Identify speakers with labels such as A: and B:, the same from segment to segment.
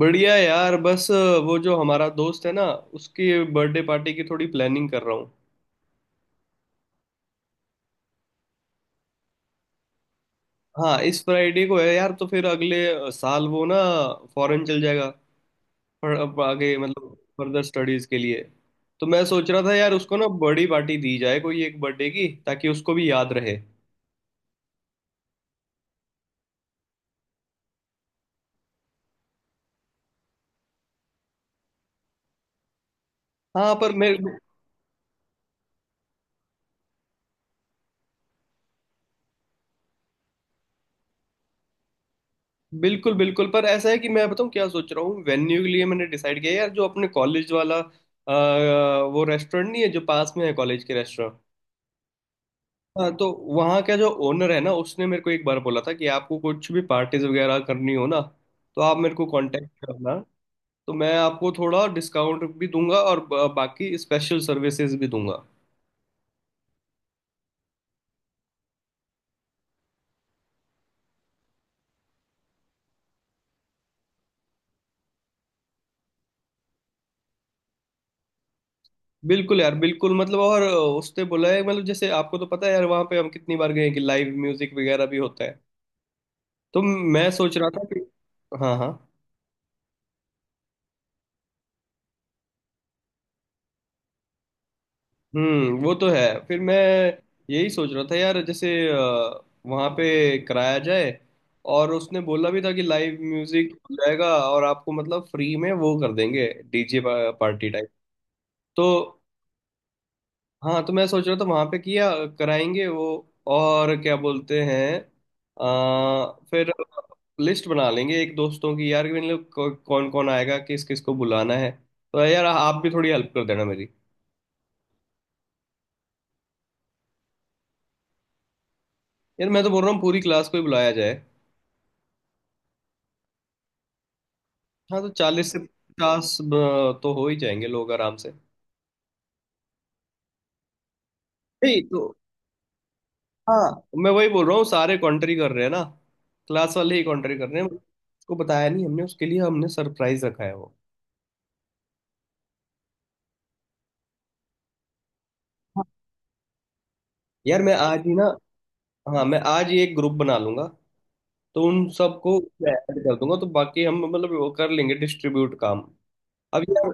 A: बढ़िया यार बस। वो जो हमारा दोस्त है ना, उसकी बर्थडे पार्टी की थोड़ी प्लानिंग कर रहा हूँ। हाँ, इस फ्राइडे को है यार। तो फिर अगले साल वो ना फॉरेन चल जाएगा। पर अब आगे मतलब फर्दर स्टडीज के लिए। तो मैं सोच रहा था यार, उसको ना बड़ी पार्टी दी जाए कोई एक बर्थडे की, ताकि उसको भी याद रहे। हाँ, पर मैं। बिल्कुल बिल्कुल। पर ऐसा है कि मैं बताऊँ क्या सोच रहा हूँ। वेन्यू के लिए मैंने डिसाइड किया है यार, जो अपने कॉलेज वाला वो रेस्टोरेंट नहीं है जो पास में है कॉलेज के। हाँ, तो वहाँ का जो ओनर है ना, उसने मेरे को एक बार बोला था कि आपको कुछ भी पार्टीज वगैरह करनी हो ना, तो आप मेरे को कांटेक्ट करना। तो मैं आपको थोड़ा डिस्काउंट भी दूंगा और बाकी स्पेशल सर्विसेज भी दूंगा। बिल्कुल यार बिल्कुल, मतलब। और उसने बोला है मतलब, जैसे आपको तो पता है यार, वहाँ पे हम कितनी बार गए हैं कि लाइव म्यूजिक वगैरह भी होता है। तो मैं सोच रहा था कि। हाँ हाँ। वो तो है। फिर मैं यही सोच रहा था यार, जैसे वहाँ पे कराया जाए। और उसने बोला भी था कि लाइव म्यूजिक हो जाएगा, और आपको मतलब फ्री में वो कर देंगे डीजे पार्टी टाइप। तो। हाँ, तो मैं सोच रहा था वहाँ पे किया कराएंगे वो। और क्या बोलते हैं फिर लिस्ट बना लेंगे एक दोस्तों की यार, कि मतलब कौन कौन आएगा, किस किस को बुलाना है। तो यार आप भी थोड़ी हेल्प कर देना मेरी। यार मैं तो बोल रहा हूँ पूरी क्लास को ही बुलाया जाए। हाँ, तो 40 से 50 तो हो ही जाएंगे लोग आराम से। नहीं तो। हाँ, मैं वही बोल रहा हूँ, सारे कॉन्ट्री कर रहे हैं ना। क्लास वाले ही कॉन्ट्री कर रहे हैं, उसको बताया नहीं हमने, उसके लिए हमने सरप्राइज रखा है वो। हाँ। यार मैं आज ही ना। हाँ, मैं आज ही एक ग्रुप बना लूंगा, तो उन सबको ऐड कर दूंगा। तो बाकी हम मतलब वो कर लेंगे डिस्ट्रीब्यूट काम। अब यार।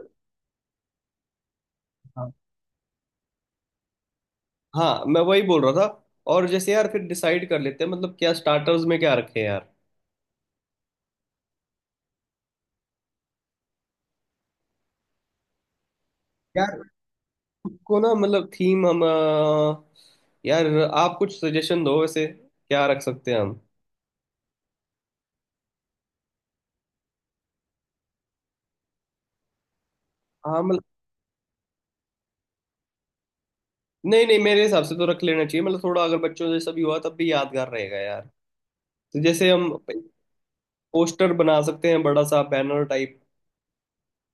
A: हाँ हाँ, मैं वही बोल रहा था। और जैसे यार फिर डिसाइड कर लेते हैं मतलब, क्या स्टार्टर्स में क्या रखें यार। यार को ना मतलब थीम हम यार आप कुछ सजेशन दो, वैसे क्या रख सकते हैं हम। हाँ मतलब। नहीं नहीं, मेरे हिसाब से तो रख लेना चाहिए मतलब, थोड़ा अगर बच्चों से सभी हुआ तब भी यादगार रहेगा यार। तो जैसे हम पोस्टर बना सकते हैं बड़ा सा बैनर टाइप।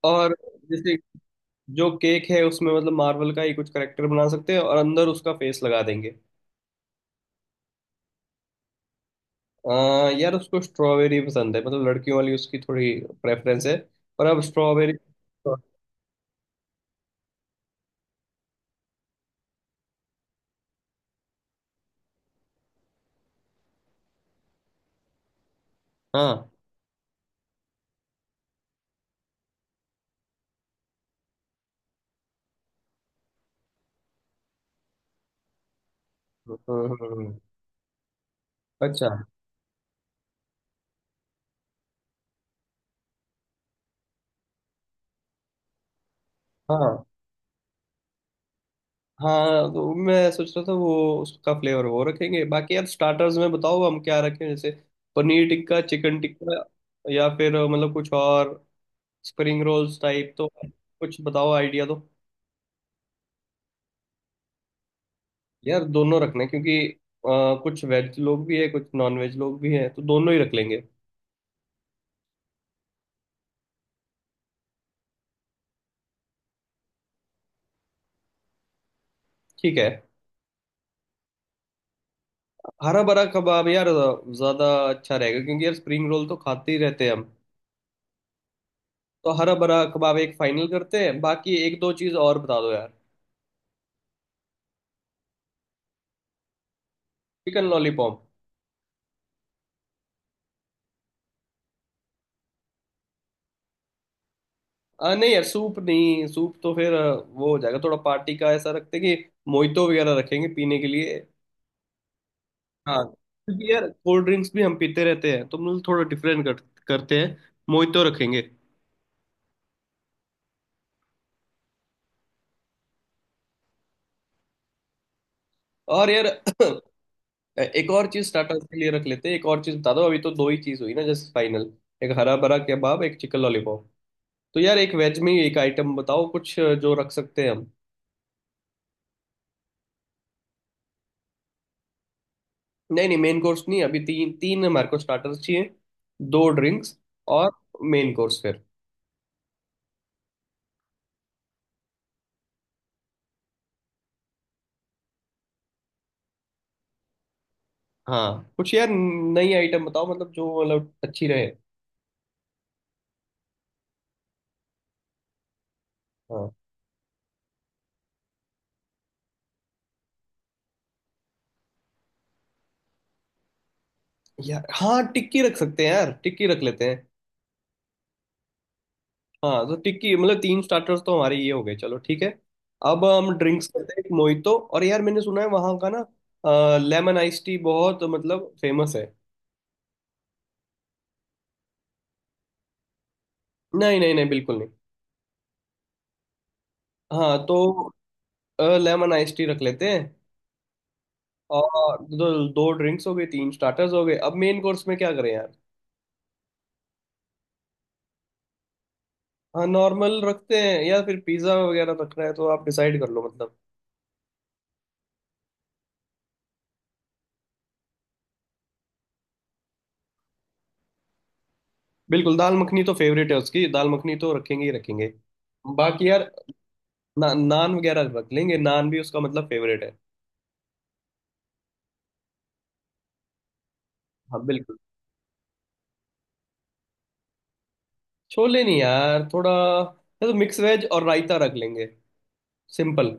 A: और जैसे जो केक है उसमें मतलब मार्वल का ही कुछ करेक्टर बना सकते हैं, और अंदर उसका फेस लगा देंगे। यार उसको स्ट्रॉबेरी पसंद है मतलब, लड़कियों वाली उसकी थोड़ी प्रेफरेंस है। पर अब स्ट्रॉबेरी। हाँ। हम्म। अच्छा हाँ। हाँ, तो मैं सोच रहा था वो उसका फ्लेवर वो रखेंगे। बाकी यार स्टार्टर्स में बताओ हम क्या रखें, जैसे पनीर टिक्का, चिकन टिक्का, या फिर मतलब कुछ और स्प्रिंग रोल्स टाइप। तो कुछ बताओ, आइडिया दो। यार दोनों रखना है क्योंकि कुछ वेज लोग भी है, कुछ नॉन वेज लोग भी हैं, तो दोनों ही रख लेंगे। ठीक है। हरा भरा कबाब यार ज़्यादा अच्छा रहेगा, क्योंकि यार स्प्रिंग रोल तो खाते ही रहते हैं हम। तो हरा भरा कबाब एक फाइनल करते हैं, बाकी एक दो चीज़ और बता दो यार। Chicken lollipop. नहीं यार सूप नहीं, सूप तो फिर वो हो जाएगा थोड़ा पार्टी का। ऐसा रखते हैं कि मोहितो वगैरह रखेंगे पीने के लिए। हाँ, क्योंकि यार कोल्ड ड्रिंक्स भी हम पीते रहते हैं, तो हम लोग थोड़ा डिफरेंट करते हैं। मोहितो रखेंगे। और यार एक और चीज स्टार्टर्स के लिए रख लेते हैं, एक और चीज बता दो, अभी तो दो ही चीज हुई ना, जस्ट फाइनल। एक हरा भरा कबाब, एक चिकन लॉलीपॉप। तो यार एक वेज में एक आइटम बताओ, कुछ जो रख सकते हैं हम। नहीं नहीं मेन कोर्स नहीं, अभी तीन तीन हमारे को स्टार्टर्स चाहिए, दो ड्रिंक्स और मेन कोर्स। हाँ, कुछ यार नई आइटम बताओ मतलब, जो मतलब अच्छी रहे। हाँ यार, हाँ टिक्की रख सकते हैं, यार टिक्की रख लेते हैं। हाँ, तो टिक्की मतलब तीन स्टार्टर्स तो हमारे ये हो गए। चलो ठीक है। अब हम ड्रिंक्स करते हैं, एक मोहितो और यार मैंने सुना है वहाँ का ना लेमन आइस टी बहुत मतलब फेमस है। नहीं नहीं नहीं, बिल्कुल नहीं। हाँ, तो लेमन आइस टी रख लेते हैं। और दो, दो ड्रिंक्स हो गए, तीन स्टार्टर्स हो गए, अब मेन कोर्स में क्या करें यार। हाँ, नॉर्मल रखते हैं या फिर पिज्ज़ा वगैरह रखना है, तो आप डिसाइड कर लो मतलब। बिल्कुल, दाल मखनी तो फेवरेट है उसकी, दाल मखनी तो रखेंगे ही रखेंगे। बाकी यार नान वगैरह रख लेंगे, नान भी उसका मतलब फेवरेट है। हाँ बिल्कुल। छोले नहीं यार, थोड़ा या तो मिक्स वेज और रायता रख लेंगे, सिंपल।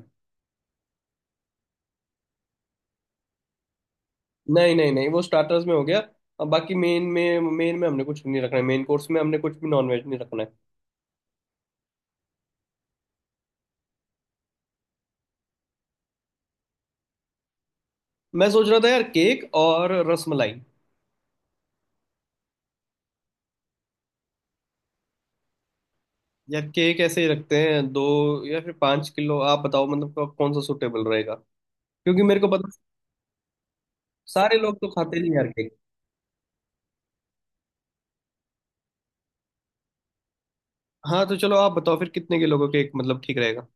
A: नहीं नहीं नहीं, वो स्टार्टर्स में हो गया। अब बाकी मेन में, मेन में हमने कुछ नहीं रखना है, मेन कोर्स में हमने कुछ भी नॉन वेज नहीं रखना है। मैं सोच रहा था यार केक और रसमलाई। यार केक ऐसे ही रखते हैं, 2 या फिर 5 किलो, आप बताओ मतलब कौन सा सूटेबल रहेगा। क्योंकि मेरे को पता। सारे लोग तो खाते नहीं यार। हाँ, तो चलो आप बताओ फिर कितने किलो का केक मतलब ठीक रहेगा।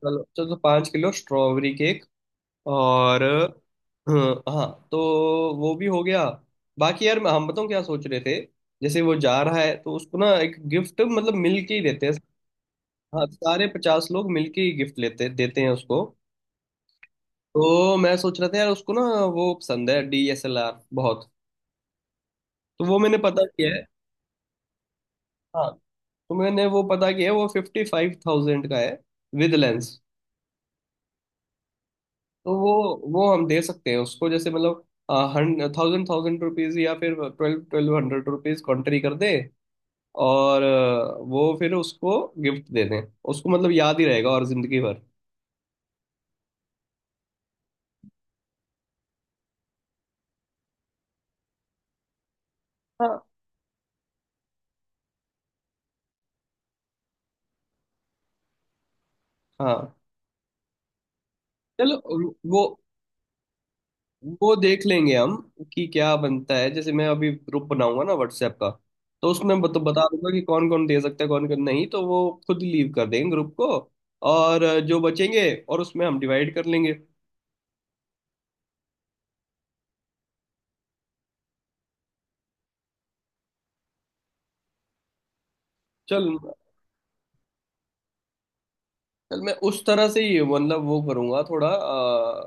A: चलो चलो, तो 5 किलो स्ट्रॉबेरी केक और हाँ तो वो भी हो गया। बाकी यार हम बताऊँ क्या सोच रहे थे। जैसे वो जा रहा है, तो उसको ना एक गिफ्ट मतलब मिल के ही देते हैं। हाँ, सारे 50 लोग मिल के ही गिफ्ट लेते देते हैं उसको। तो मैं सोच रहा था यार उसको ना, वो पसंद है डीएसएलआर बहुत। तो वो मैंने पता किया है। हाँ, तो मैंने वो पता किया है, वो 55,000 का है विद लेंस। तो वो हम दे सकते हैं उसको, जैसे मतलब थाउजेंड थाउजेंड रुपीज, या फिर twelve twelve hundred rupees country कर दे। और वो फिर उसको गिफ्ट दे दें, उसको मतलब याद ही रहेगा और जिंदगी भर। हाँ हाँ। चलो वो वो देख लेंगे हम कि क्या बनता है। जैसे मैं अभी ग्रुप बनाऊंगा ना व्हाट्सएप का, तो उसमें बता दूंगा कि कौन कौन दे सकता है, कौन कौन नहीं, तो वो खुद लीव कर देंगे ग्रुप को। और जो बचेंगे और उसमें हम डिवाइड कर लेंगे। चल चल, मैं उस तरह से ही मतलब वो करूंगा, थोड़ा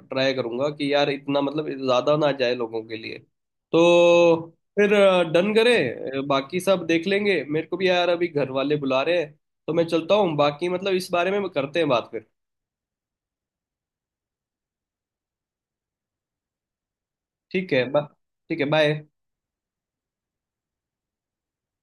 A: ट्राई करूंगा कि यार इतना मतलब ज्यादा ना जाए लोगों के लिए। तो फिर डन करें। बाकी सब देख लेंगे। मेरे को भी यार अभी घर वाले बुला रहे हैं, तो मैं चलता हूँ, बाकी मतलब इस बारे में करते हैं बात फिर। ठीक है ठीक है बाय।